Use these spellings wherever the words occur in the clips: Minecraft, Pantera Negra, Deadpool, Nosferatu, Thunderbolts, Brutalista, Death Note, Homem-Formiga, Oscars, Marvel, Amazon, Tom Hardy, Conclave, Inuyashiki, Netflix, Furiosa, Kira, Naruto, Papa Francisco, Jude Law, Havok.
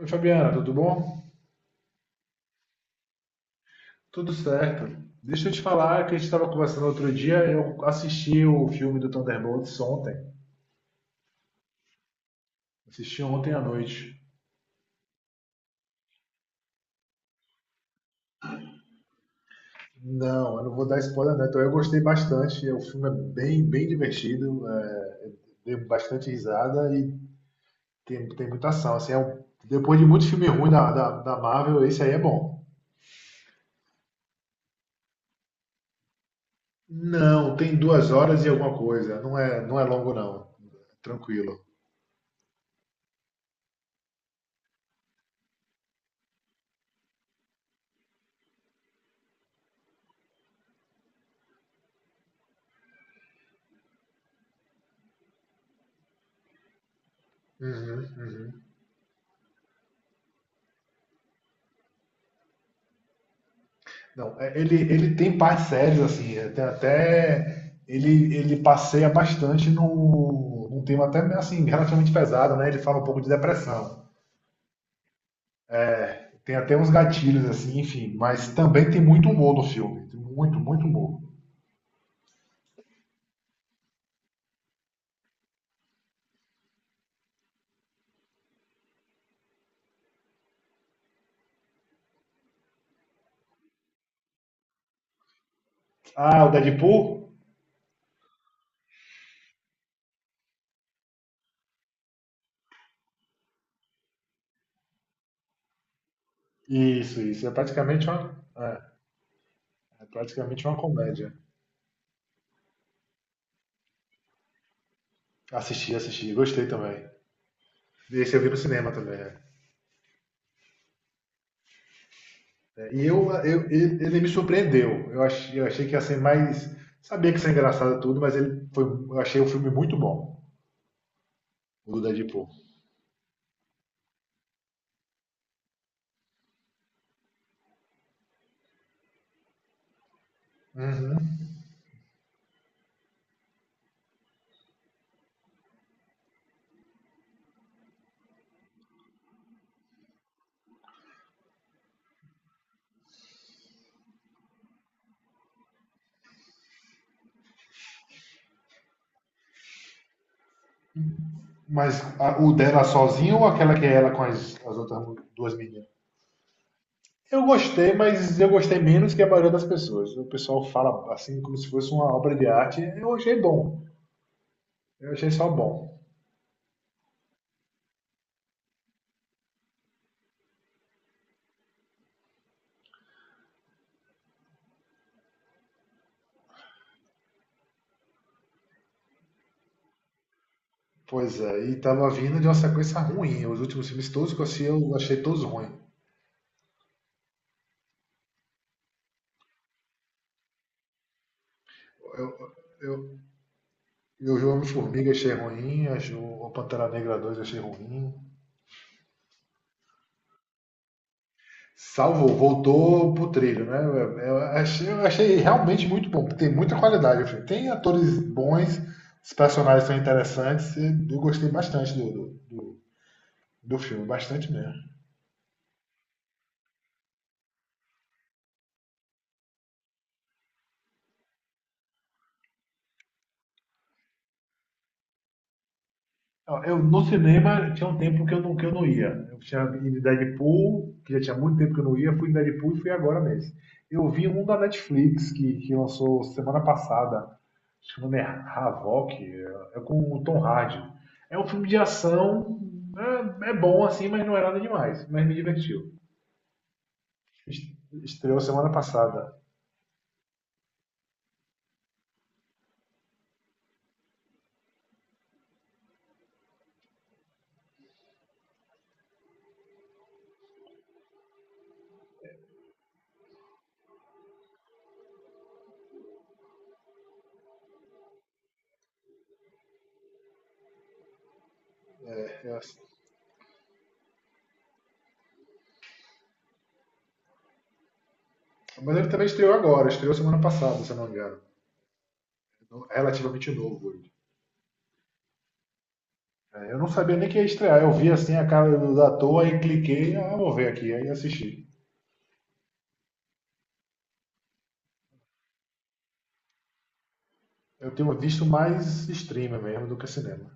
Oi, Fabiana, tudo bom? Tudo certo. Deixa eu te falar que a gente estava conversando outro dia. Eu assisti o filme do Thunderbolts ontem. Assisti ontem à noite. Não, eu não vou dar spoiler, né? Então eu gostei bastante. O filme é bem, bem divertido. Deu bastante risada e tem muita ação. Assim, depois de muito filme ruim da Marvel, esse aí é bom. Não, tem duas horas e alguma coisa. Não é longo, não. Tranquilo. Uhum, uhum. Não, é, ele tem partes sérias, assim, é, tem até. Ele passeia bastante no, num tema até assim, relativamente pesado, né? Ele fala um pouco de depressão. Tem até uns gatilhos, assim, enfim, mas também tem muito humor no filme. Tem muito humor. Ah, o Deadpool? Isso, isso. É praticamente uma comédia. Assisti, assisti, gostei também. Esse eu vi no cinema também. É. E ele me surpreendeu. Eu achei que ia ser mais. Sabia que ia ser engraçado tudo, mas ele foi, eu achei o filme muito bom, o do Deadpool. Mas o dela sozinho ou aquela que é ela com as, duas meninas? Eu gostei, mas eu gostei menos que a maioria das pessoas. O pessoal fala assim como se fosse uma obra de arte. Eu achei bom. Eu achei só bom. Pois é, e tava vindo de uma sequência ruim. Os últimos filmes todos que eu assisti, eu achei todos ruins. Eu O Homem-Formiga achei ruim, o Pantera Negra 2 achei ruim. Salvou, voltou pro trilho, né? Eu achei realmente muito bom, porque tem muita qualidade. O filme. Tem atores bons, os personagens são interessantes, e eu gostei bastante do filme, bastante mesmo. Ó, No cinema tinha um tempo que eu não ia. Eu tinha ido em Deadpool, que já tinha muito tempo que eu não ia, fui em Deadpool e fui agora mesmo. Eu vi um da Netflix que lançou semana passada. Acho que o nome é Havok, é com o Tom Hardy. É um filme de ação, é, é bom assim, mas não é nada demais, mas me divertiu. Est- Estreou semana passada. É assim. Mas ele também estreou agora, estreou semana passada, se eu não me engano. Então, relativamente novo ele. É, eu não sabia nem que ia estrear. Eu vi assim a cara do da toa e cliquei, ah, vou ver aqui, aí assisti. Eu tenho visto mais streamer mesmo do que cinema.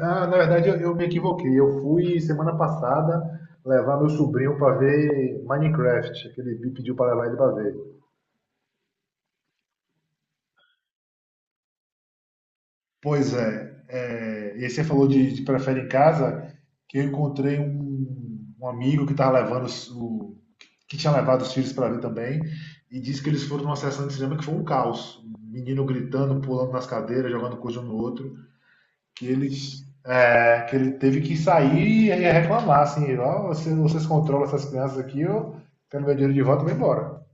Ah, na verdade, eu me equivoquei. Eu fui semana passada levar meu sobrinho para ver Minecraft, que ele me pediu para levar ele para ver. Pois é, é, e aí você falou de prefere em casa, que eu encontrei um amigo que tava levando os- o, que tinha levado os filhos para ver também, e disse que eles foram numa sessão de cinema que foi um caos. Um menino gritando, pulando nas cadeiras, jogando coisa um no outro. Que ele teve que sair e reclamar, assim, ó, vocês controlam essas crianças aqui, eu quero meu dinheiro de volta e vou embora.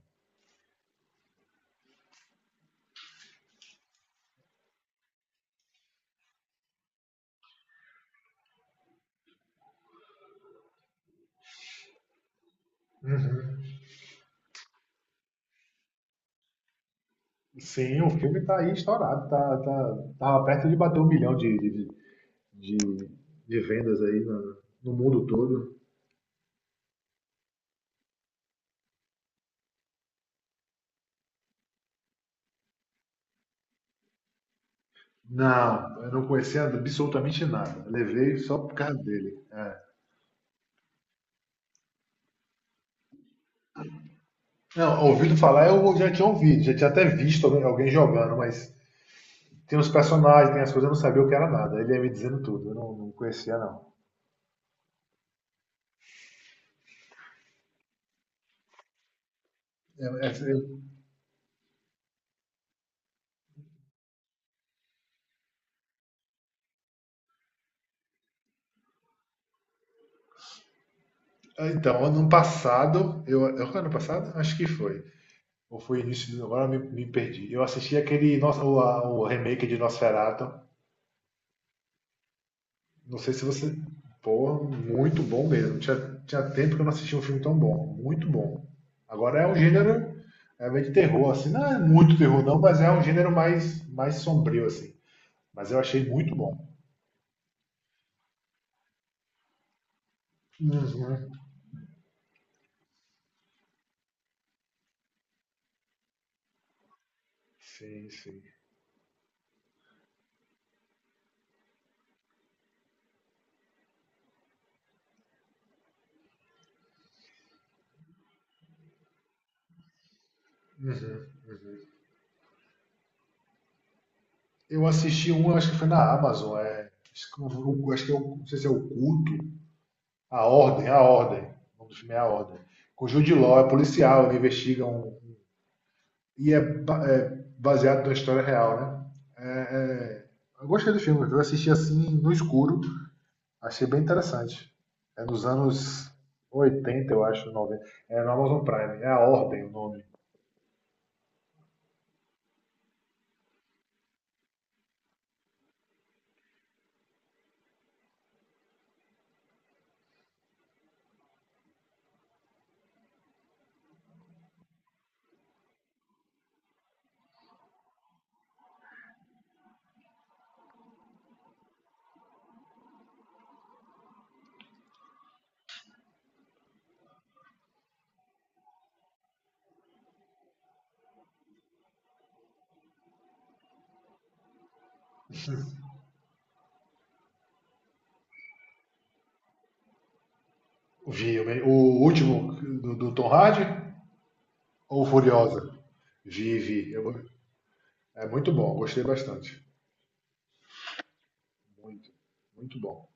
Sim, o filme tá aí estourado, tava perto de bater um milhão de vendas aí no mundo todo. Não, eu não conhecia absolutamente nada. Eu levei só por causa dele. Não, ouvido falar, eu já tinha ouvido, já tinha até visto alguém, alguém jogando, mas tem os personagens, tem as coisas, eu não sabia o que era nada. Ele ia me dizendo tudo, eu não, não conhecia, não. É, é, ah, então, ano passado, eu foi ano passado? Acho que foi. Ou foi início do, agora me perdi. Eu assisti aquele nosso, o remake de Nosferatu. Não sei se você. Pô, muito bom mesmo. Tinha, tinha tempo que eu não assistia um filme tão bom. Muito bom. Agora é um gênero é meio de terror, assim. Não é muito terror, não, mas é um gênero mais sombrio, assim. Mas eu achei muito bom. Uhum. Sim, sim. Uhum, uhum. Eu assisti um, acho que foi na Amazon, é, acho que é o- acho que é o- não sei se é o culto, a ordem, o nome do filme é a ordem. Com o Jude Law, é policial, ele investiga um é baseado na história real, né? É, é, eu gostei do filme, eu assisti assim no escuro, achei bem interessante. É nos anos 80, eu acho, 90. É no Amazon Prime, é a ordem o nome. Vi, o último do, do Tom Hardy ou Furiosa? Vi, vi. Eu, é muito bom, gostei bastante. Muito, muito bom.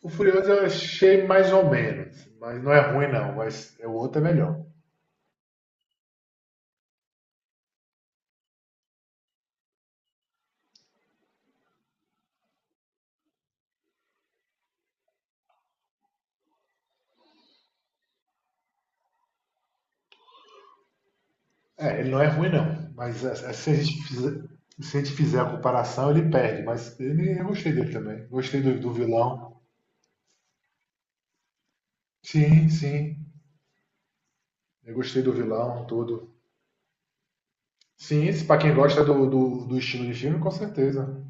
O Furioso eu achei mais ou menos, mas não é ruim não, mas é o outro é melhor. É, ele não é ruim não, se a gente fizer, se a gente fizer a comparação ele perde, mas ele, eu gostei dele também. Gostei do vilão. Sim, sim, eu gostei do vilão, tudo. Sim, isso para quem gosta do estilo de filme, com certeza.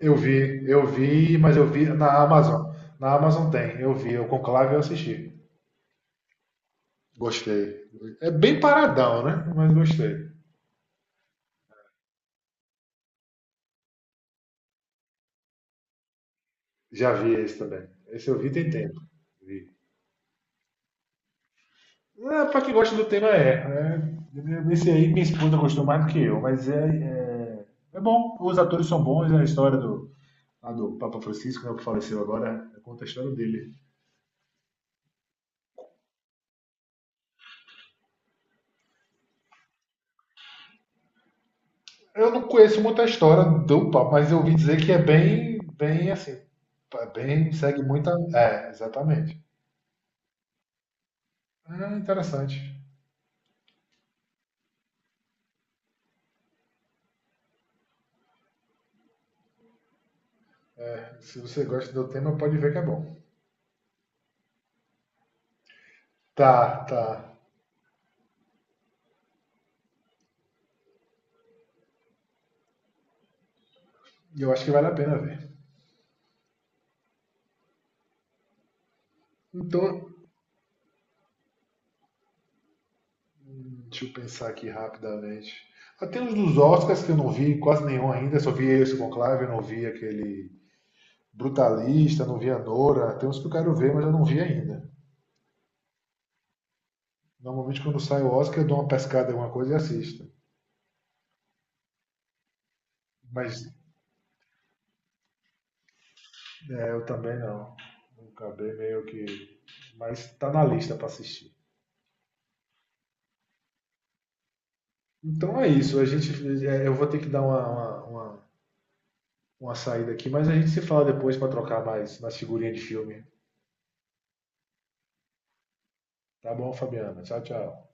Eu vi, mas eu vi na Amazon. Na Amazon tem, eu vi, o Conclave eu assisti. Gostei. É bem paradão, né? Mas gostei. Já vi esse também. Esse eu vi tem tempo. Vi. É, pra quem gosta do tema é, né? Esse aí minha esposa gostou mais do que eu, mas é bom. Os atores são bons, a história lá do Papa Francisco, né, que faleceu agora, conta a história dele. Eu não conheço muita história do Papa, mas eu ouvi dizer que é bem assim, é bem, segue muita. É, exatamente. É interessante. Se você gosta do tema, pode ver que é bom. Tá, tá. E eu acho que vale a pena ver. Então, deixa eu pensar aqui rapidamente. Ah, tem uns dos Oscars que eu não vi quase nenhum ainda, só vi esse Conclave, eu não vi aquele Brutalista, não vi a Nora. Tem uns que eu quero ver, mas eu não vi ainda. Normalmente quando sai o Oscar eu dou uma pescada em alguma coisa e assisto. Mas é, eu também não. Acabei meio que. Mas tá na lista pra assistir. Então é isso. A gente, é, eu vou ter que dar uma, uma saída aqui, mas a gente se fala depois pra trocar mais nas figurinhas de filme. Tá bom, Fabiana. Tchau, tchau.